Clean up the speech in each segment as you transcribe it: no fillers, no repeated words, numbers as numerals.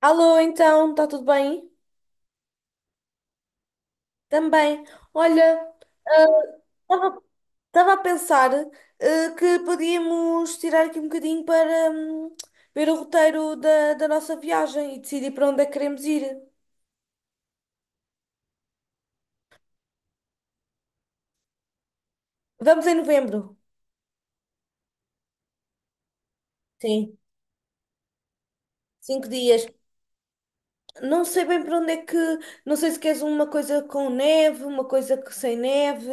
Alô, então, está tudo bem? Também. Olha, estava a pensar que podíamos tirar aqui um bocadinho para ver o roteiro da nossa viagem e decidir para onde é que queremos ir. Vamos em novembro. Sim, 5 dias. Não sei bem para onde é que. Não sei se queres uma coisa com neve, uma coisa que sem neve.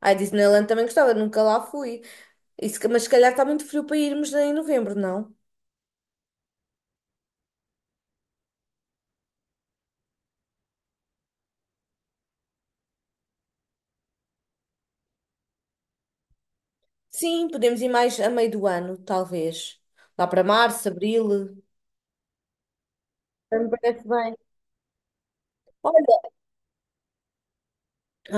Ah, Disneyland também gostava, nunca lá fui. Mas se calhar está muito frio para irmos em novembro, não? Sim, podemos ir mais a meio do ano, talvez. Lá para março, abril. Me parece bem. Olha.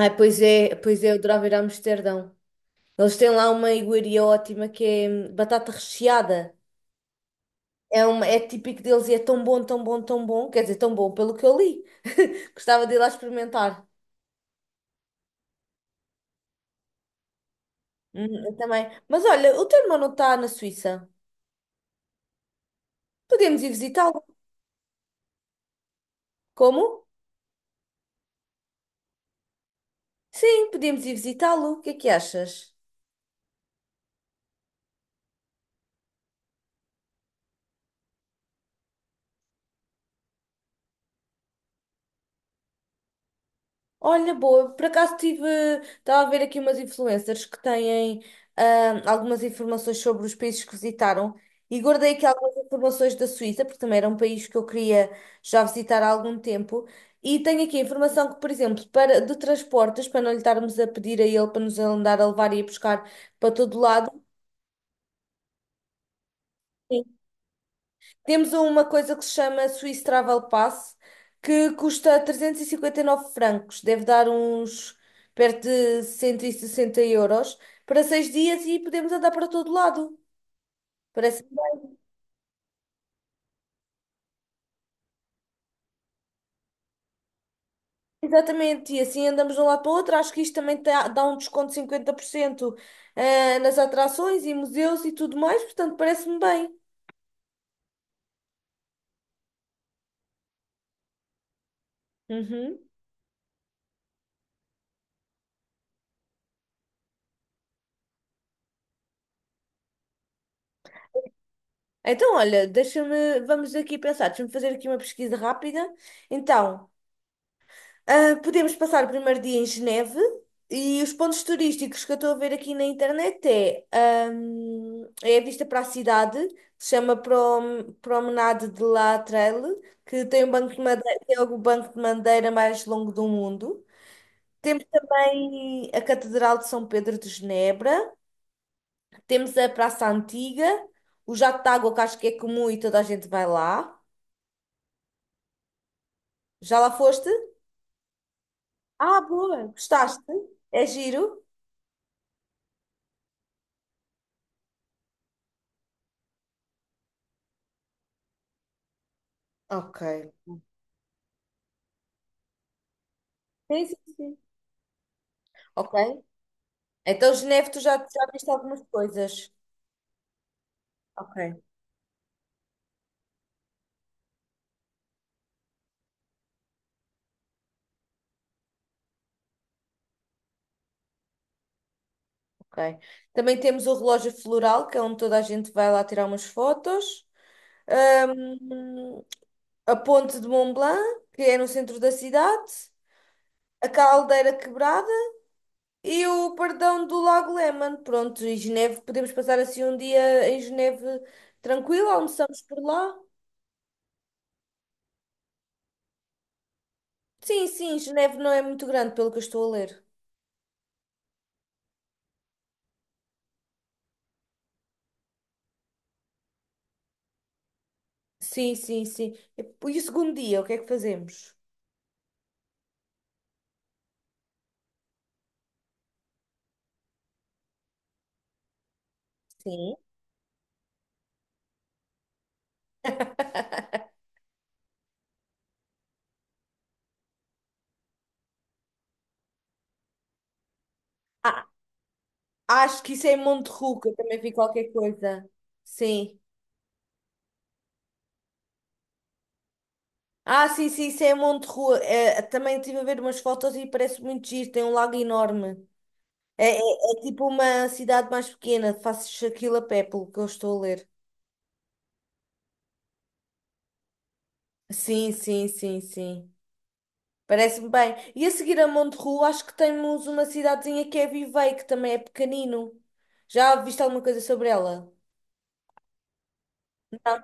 Ai, pois é, eu adorava ir a Amsterdão. Eles têm lá uma iguaria ótima que é batata recheada. É típico deles e é tão bom, tão bom, tão bom. Quer dizer, tão bom pelo que eu li. Gostava de ir lá experimentar. Eu também. Mas olha, o teu irmão não está na Suíça. Podemos ir visitá-lo. Como? Sim, podemos ir visitá-lo. O que é que achas? Olha, boa, eu por acaso estava a ver aqui umas influencers que têm algumas informações sobre os países que visitaram e guardei aqui algumas informações da Suíça, porque também era um país que eu queria já visitar há algum tempo. E tenho aqui a informação que, por exemplo, de transportes, para não lhe estarmos a pedir a ele para nos andar a levar e a buscar para todo lado. Temos uma coisa que se chama Swiss Travel Pass, que custa 359 francos, deve dar uns perto de 160 euros, para 6 dias e podemos andar para todo lado. Parece exatamente, e assim andamos de um lado para o outro. Acho que isto também dá um desconto de 50% nas atrações e museus e tudo mais, portanto, parece-me bem. Uhum. Então, olha, deixa-me, vamos aqui pensar, deixa-me fazer aqui uma pesquisa rápida. Então. Ah, podemos passar o primeiro dia em Geneve e os pontos turísticos que eu estou a ver aqui na internet é a vista para a cidade, se chama Promenade de La Trelle, que tem um banco de madeira, tem o banco de madeira mais longo do mundo. Temos também a Catedral de São Pedro de Genebra, temos a Praça Antiga, o jato de água que acho que é comum e toda a gente vai lá. Já lá foste? Ah, boa! Gostaste? É giro? Ok. Sim, sim, sim. Ok? Então, Geneve, tu já viste algumas coisas. Ok, ok. Também temos o relógio floral, que é onde toda a gente vai lá tirar umas fotos. Ahm, a ponte de Mont Blanc, que é no centro da cidade. A caldeira quebrada e o perdão do Lago Léman. Pronto, e Geneve, podemos passar assim um dia em Geneve tranquilo, almoçamos por lá. Sim, sim, Geneve não é muito grande, pelo que eu estou a ler. Sim, sim, sim. E o segundo dia, o que é que fazemos? Sim. Ah, acho que isso é em Monterruca, também vi qualquer coisa. Sim. Ah, sim, sim, isso é em Monterrua. É, também estive a ver umas fotos e parece muito giro, tem um lago enorme. É tipo uma cidade mais pequena, faço aquilo a pé, pelo que eu estou a ler. Sim, sim, sim, sim. Parece-me bem. E a seguir a Monterrua, acho que temos uma cidadezinha que é Vivei, que também é pequenino. Já viste alguma coisa sobre ela? Não,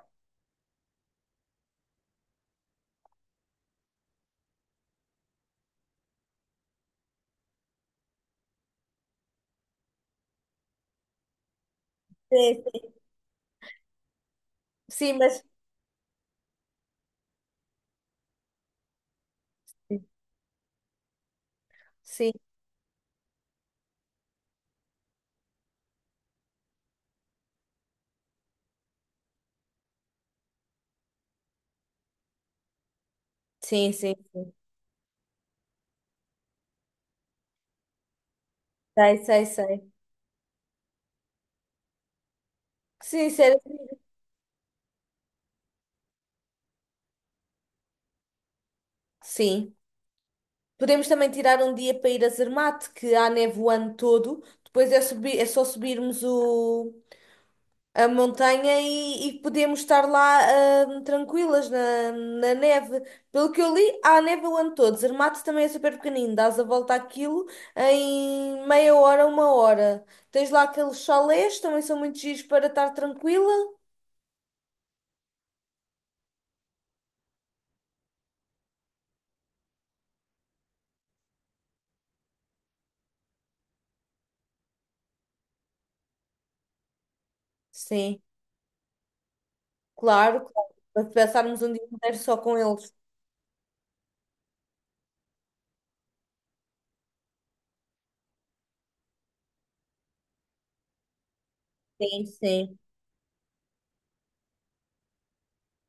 sim, sim. Sim, mas... Sim, sim, sim. Sei, sei, sei. Sincero, sim. Podemos também tirar um dia para ir a Zermatt, que há neve o ano todo. Depois é só subirmos a montanha e podemos estar lá tranquilas na neve. Pelo que eu li, há neve o ano todo. Zermatt também é super pequenino. Dás a volta àquilo em meia hora, uma hora. Tens lá aqueles chalés, também são muito giros para estar tranquila. Sim, claro, claro. Para passarmos um dia inteiro só com eles. Sim, sim.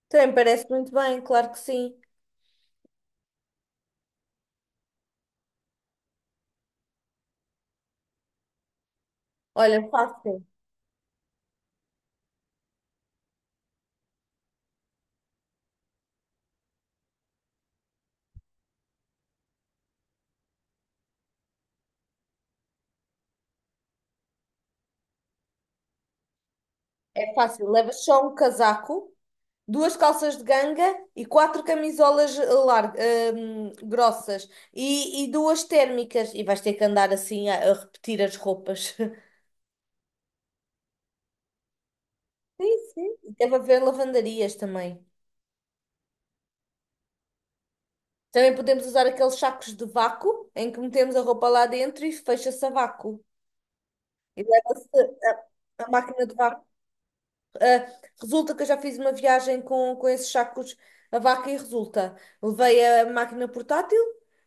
Também parece muito bem, claro que sim. Olha, fácil. É fácil. Levas só um casaco, duas calças de ganga e quatro camisolas grossas e duas térmicas. E vais ter que andar assim a repetir as roupas. Sim, sim. E deve haver lavandarias também. Também podemos usar aqueles sacos de vácuo em que metemos a roupa lá dentro e fecha-se a vácuo. E leva-se a máquina de vácuo. Ah, resulta que eu já fiz uma viagem com esses sacos a vaca e resulta. Levei a máquina portátil,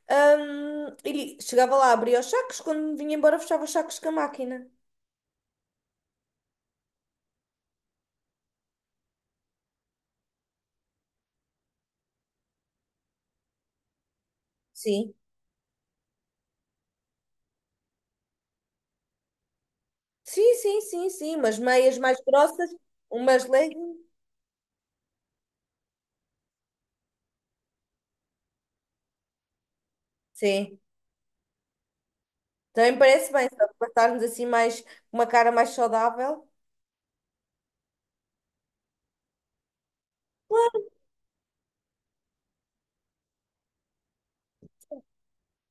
e chegava lá, abria os sacos, quando me vinha embora, fechava os sacos com a máquina. Sim. Sim, sim, sim, sim, umas meias mais grossas, umas leggings. Sim, também parece bem, só para estarmos assim mais, uma cara mais saudável. Claro,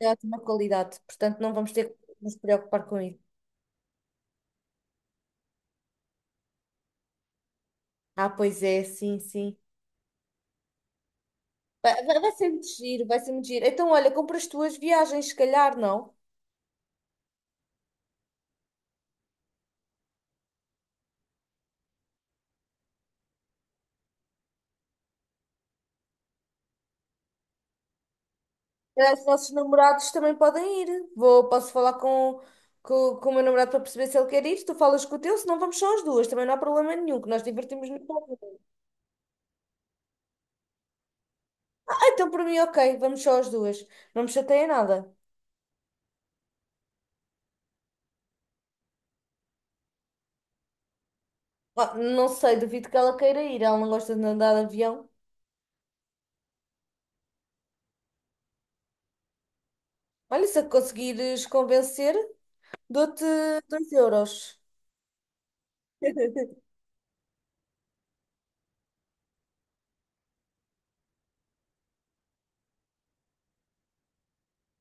é ótima qualidade, portanto não vamos ter que nos preocupar com isso. Ah, pois é, sim, sim. Vai ser muito giro, vai ser muito giro. Então, olha, compra as tuas viagens, se calhar, não? Os nossos namorados também podem ir. Posso falar com o meu namorado para perceber se ele quer ir. Tu falas com o teu, senão vamos só as duas. Também não há problema nenhum, que nós divertimos-nos muito. Ah, então para mim, ok, vamos só as duas. Não me chateia nada. Ah, não sei, duvido que ela queira ir. Ela não gosta de andar de avião. Olha, se a conseguires convencer, dou-te €2.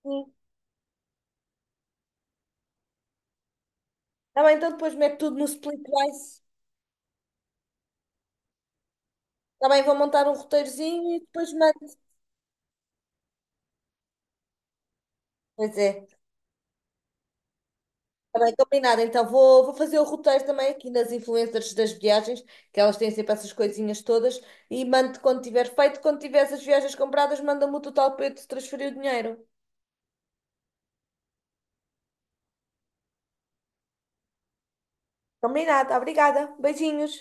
Hum. Tá bem, então depois mete tudo no split price. Está bem, vou montar um roteirozinho e depois mando. Pois é. Está bem, combinado. Então vou fazer o roteiro também aqui nas influencers das viagens, que elas têm sempre essas coisinhas todas, e mando quando tiver feito. Quando tiver as viagens compradas, manda-me o total para eu te transferir o dinheiro. Combinado. Obrigada. Beijinhos.